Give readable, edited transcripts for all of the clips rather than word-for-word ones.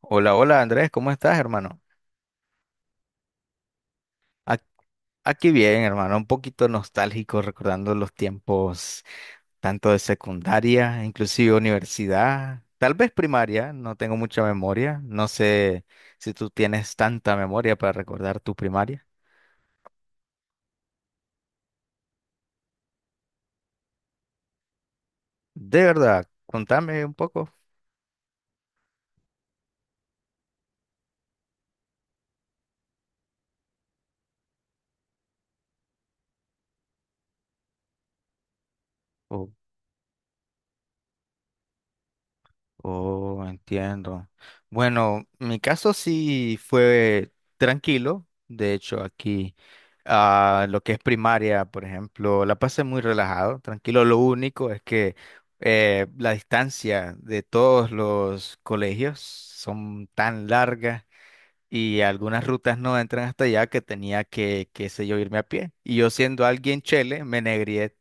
Hola, hola Andrés, ¿cómo estás, hermano? Ac- Aquí bien, hermano, un poquito nostálgico recordando los tiempos tanto de secundaria, inclusive universidad, tal vez primaria, no tengo mucha memoria, no sé si tú tienes tanta memoria para recordar tu primaria. De verdad, contame un poco. Oh, entiendo. Bueno, mi caso sí fue tranquilo. De hecho, aquí, lo que es primaria, por ejemplo, la pasé muy relajado, tranquilo. Lo único es que la distancia de todos los colegios son tan largas y algunas rutas no entran hasta allá que tenía que, qué sé yo, irme a pie. Y yo siendo alguien chele, me negré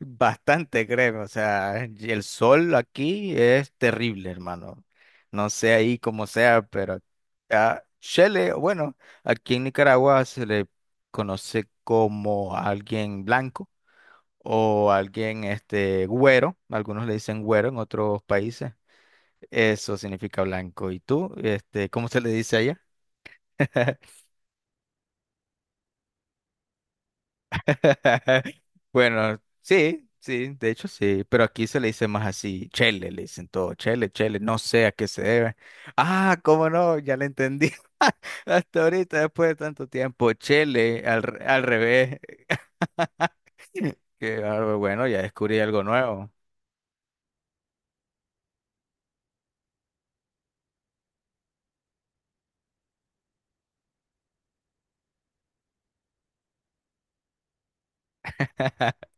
bastante, créeme, o sea, y el sol aquí es terrible, hermano. No sé ahí cómo sea, pero a chele, bueno, aquí en Nicaragua se le conoce como alguien blanco o alguien este güero, algunos le dicen güero en otros países. Eso significa blanco. ¿Y tú, este, cómo se le dice allá? Bueno, sí, sí, de hecho sí, pero aquí se le dice más así, chele, le dicen todo, chele, chele, no sé a qué se debe. Ah, cómo no, ya le entendí. Hasta ahorita, después de tanto tiempo, chele, al, al revés. Que, ah, bueno, ya descubrí algo nuevo.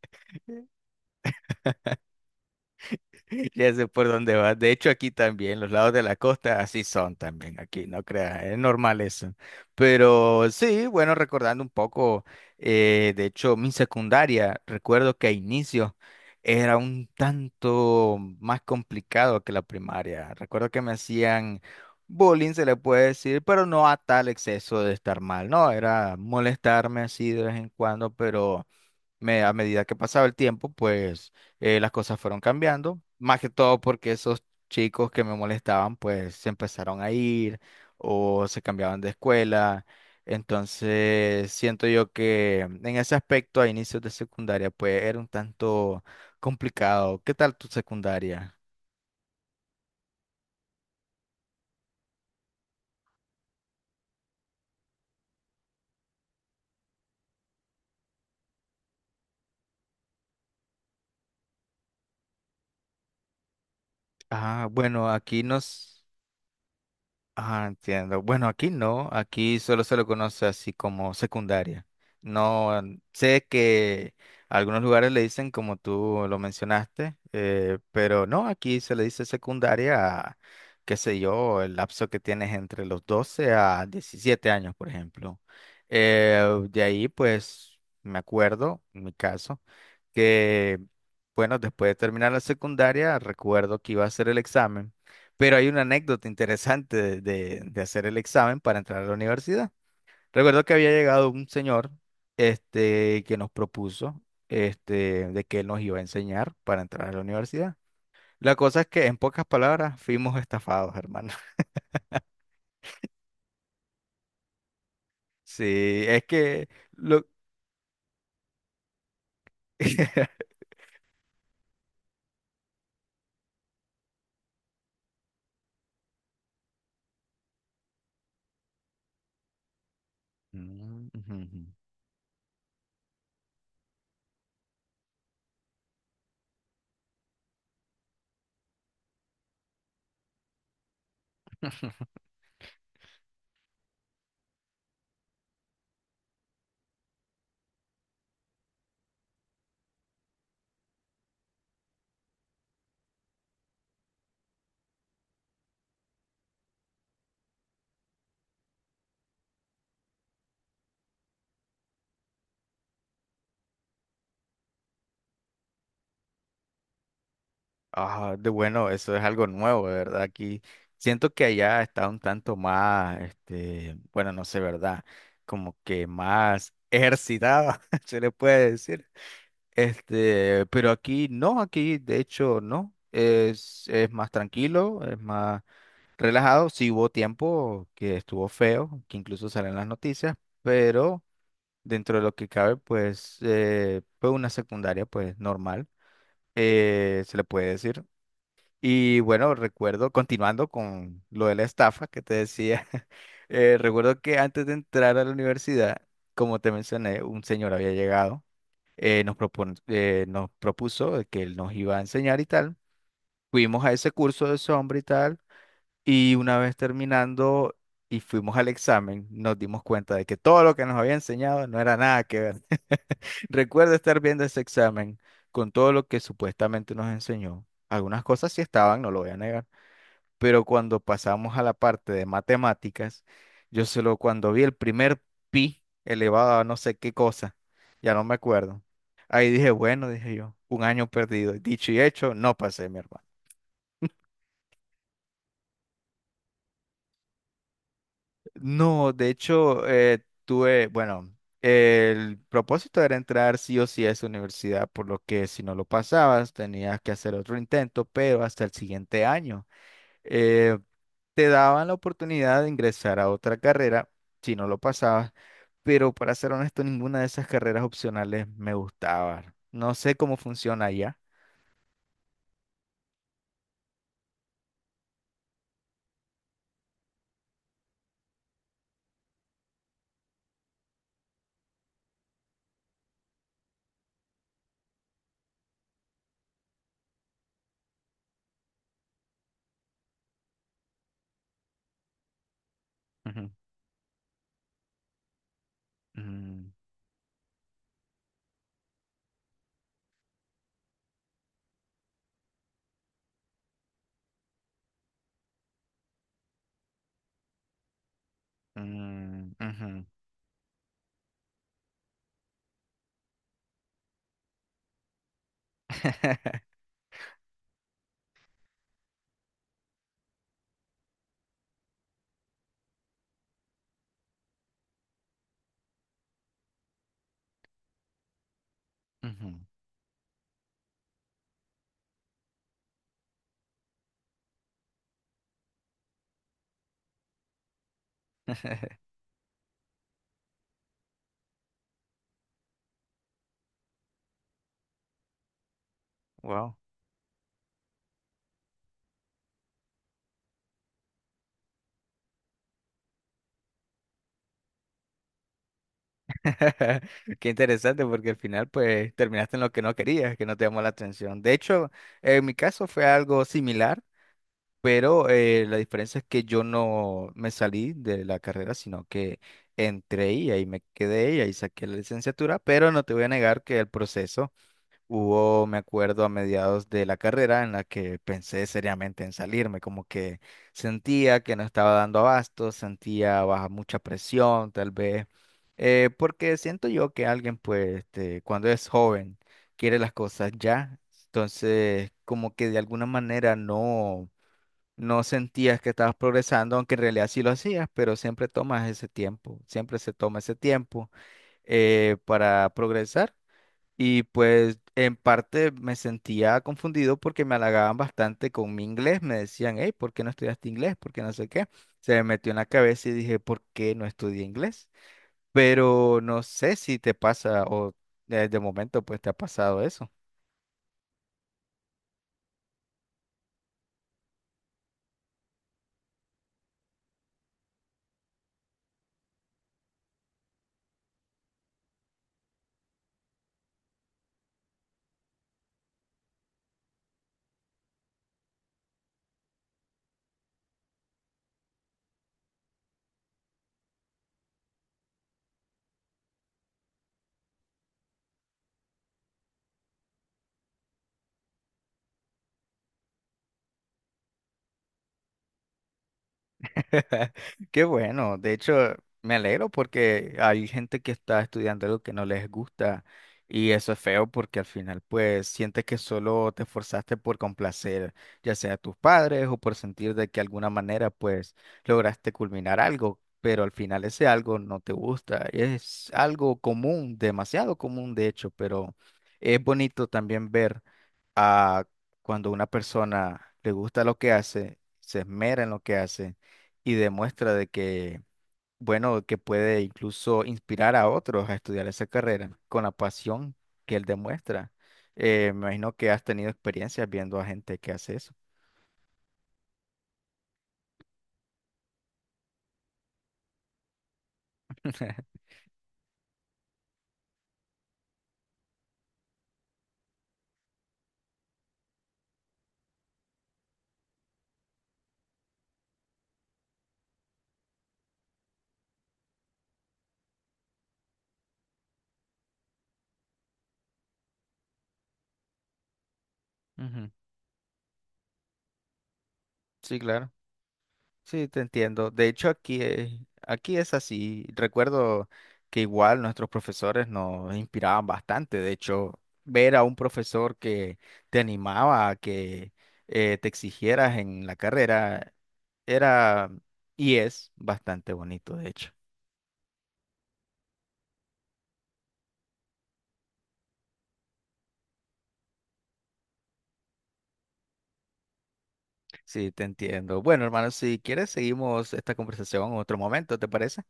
Ya sé por dónde vas. De hecho, aquí también, los lados de la costa así son también aquí, no creas, es normal eso. Pero sí, bueno, recordando un poco, de hecho, mi secundaria, recuerdo que a inicio era un tanto más complicado que la primaria. Recuerdo que me hacían bullying, se le puede decir, pero no a tal exceso de estar mal, no, era molestarme así de vez en cuando, pero a medida que pasaba el tiempo, pues las cosas fueron cambiando, más que todo porque esos chicos que me molestaban, pues se empezaron a ir o se cambiaban de escuela. Entonces, siento yo que en ese aspecto a inicios de secundaria, pues era un tanto complicado. ¿Qué tal tu secundaria? Ah, bueno, aquí nos... Ah, entiendo. Bueno, aquí no, aquí solo se lo conoce así como secundaria. No, mm, sé que algunos lugares le dicen como tú lo mencionaste, pero no, aquí se le dice secundaria a, qué sé yo, el lapso que tienes entre los 12 a 17 años, por ejemplo. De ahí, pues, me acuerdo, en mi caso, que, bueno, después de terminar la secundaria, recuerdo que iba a hacer el examen. Pero hay una anécdota interesante de, de hacer el examen para entrar a la universidad. Recuerdo que había llegado un señor, este, que nos propuso, este, de que él nos iba a enseñar para entrar a la universidad. La cosa es que, en pocas palabras, fuimos estafados, hermano. Sí, es que lo... Mm, ujú, ujú. Ah, de bueno, eso es algo nuevo, de verdad. Aquí siento que allá está un tanto más, este, bueno, no sé, ¿verdad? Como que más ejercitado, se le puede decir. Este, pero aquí no, aquí de hecho no. Es más tranquilo, es más relajado. Sí hubo tiempo que estuvo feo, que incluso salen las noticias, pero dentro de lo que cabe, pues, fue una secundaria, pues, normal, se le puede decir. Y bueno, recuerdo, continuando con lo de la estafa que te decía, recuerdo que antes de entrar a la universidad, como te mencioné, un señor había llegado, nos propuso de que él nos iba a enseñar y tal. Fuimos a ese curso de ese hombre y tal, y una vez terminando y fuimos al examen, nos dimos cuenta de que todo lo que nos había enseñado no era nada que ver. Recuerdo estar viendo ese examen con todo lo que supuestamente nos enseñó. Algunas cosas sí estaban, no lo voy a negar, pero cuando pasamos a la parte de matemáticas, yo solo cuando vi el primer pi elevado a no sé qué cosa, ya no me acuerdo. Ahí dije, bueno, dije yo, un año perdido. Dicho y hecho, no pasé, mi hermano. No, de hecho, tuve, bueno, el propósito era entrar sí o sí a esa universidad, por lo que si no lo pasabas, tenías que hacer otro intento, pero hasta el siguiente año. Eh, Te daban la oportunidad de ingresar a otra carrera si no lo pasabas, pero para ser honesto, ninguna de esas carreras opcionales me gustaba. No sé cómo funciona allá. Ujú, ujú, mm, ujú, ujú. Wow. Qué interesante porque al final pues terminaste en lo que no querías, que no te llamó la atención. De hecho, en mi caso fue algo similar. Pero la diferencia es que yo no me salí de la carrera, sino que entré y ahí me quedé y ahí saqué la licenciatura, pero no te voy a negar que el proceso hubo, me acuerdo, a mediados de la carrera en la que pensé seriamente en salirme, como que sentía que no estaba dando abasto, sentía baja mucha presión, tal vez, porque siento yo que alguien, pues, este, cuando es joven, quiere las cosas ya, entonces como que de alguna manera no sentías que estabas progresando, aunque en realidad sí lo hacías, pero siempre tomas ese tiempo, siempre se toma ese tiempo para progresar. Y pues en parte me sentía confundido porque me halagaban bastante con mi inglés, me decían, hey, ¿por qué no estudiaste inglés? ¿Por qué no sé qué? Se me metió en la cabeza y dije, ¿por qué no estudié inglés? Pero no sé si te pasa o de momento pues te ha pasado eso. Qué bueno, de hecho me alegro porque hay gente que está estudiando algo que no les gusta y eso es feo porque al final pues sientes que solo te esforzaste por complacer ya sea a tus padres o por sentir de que alguna manera pues lograste culminar algo, pero al final ese algo no te gusta. Es algo común, demasiado común de hecho, pero es bonito también ver a cuando una persona le gusta lo que hace, se esmera en lo que hace y demuestra de que, bueno, que puede incluso inspirar a otros a estudiar esa carrera con la pasión que él demuestra. Me imagino que has tenido experiencias viendo a gente que hace eso. Ujú. Sí, claro. Sí, te entiendo. De hecho, aquí, aquí es así. Recuerdo que igual nuestros profesores nos inspiraban bastante. De hecho, ver a un profesor que te animaba a que te exigieras en la carrera era y es bastante bonito, de hecho. Sí, te entiendo. Bueno, hermano, si quieres, seguimos esta conversación en otro momento, ¿te parece?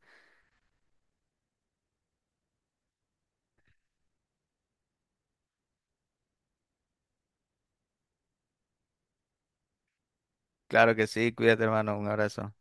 Claro que sí. Cuídate, hermano. Un abrazo.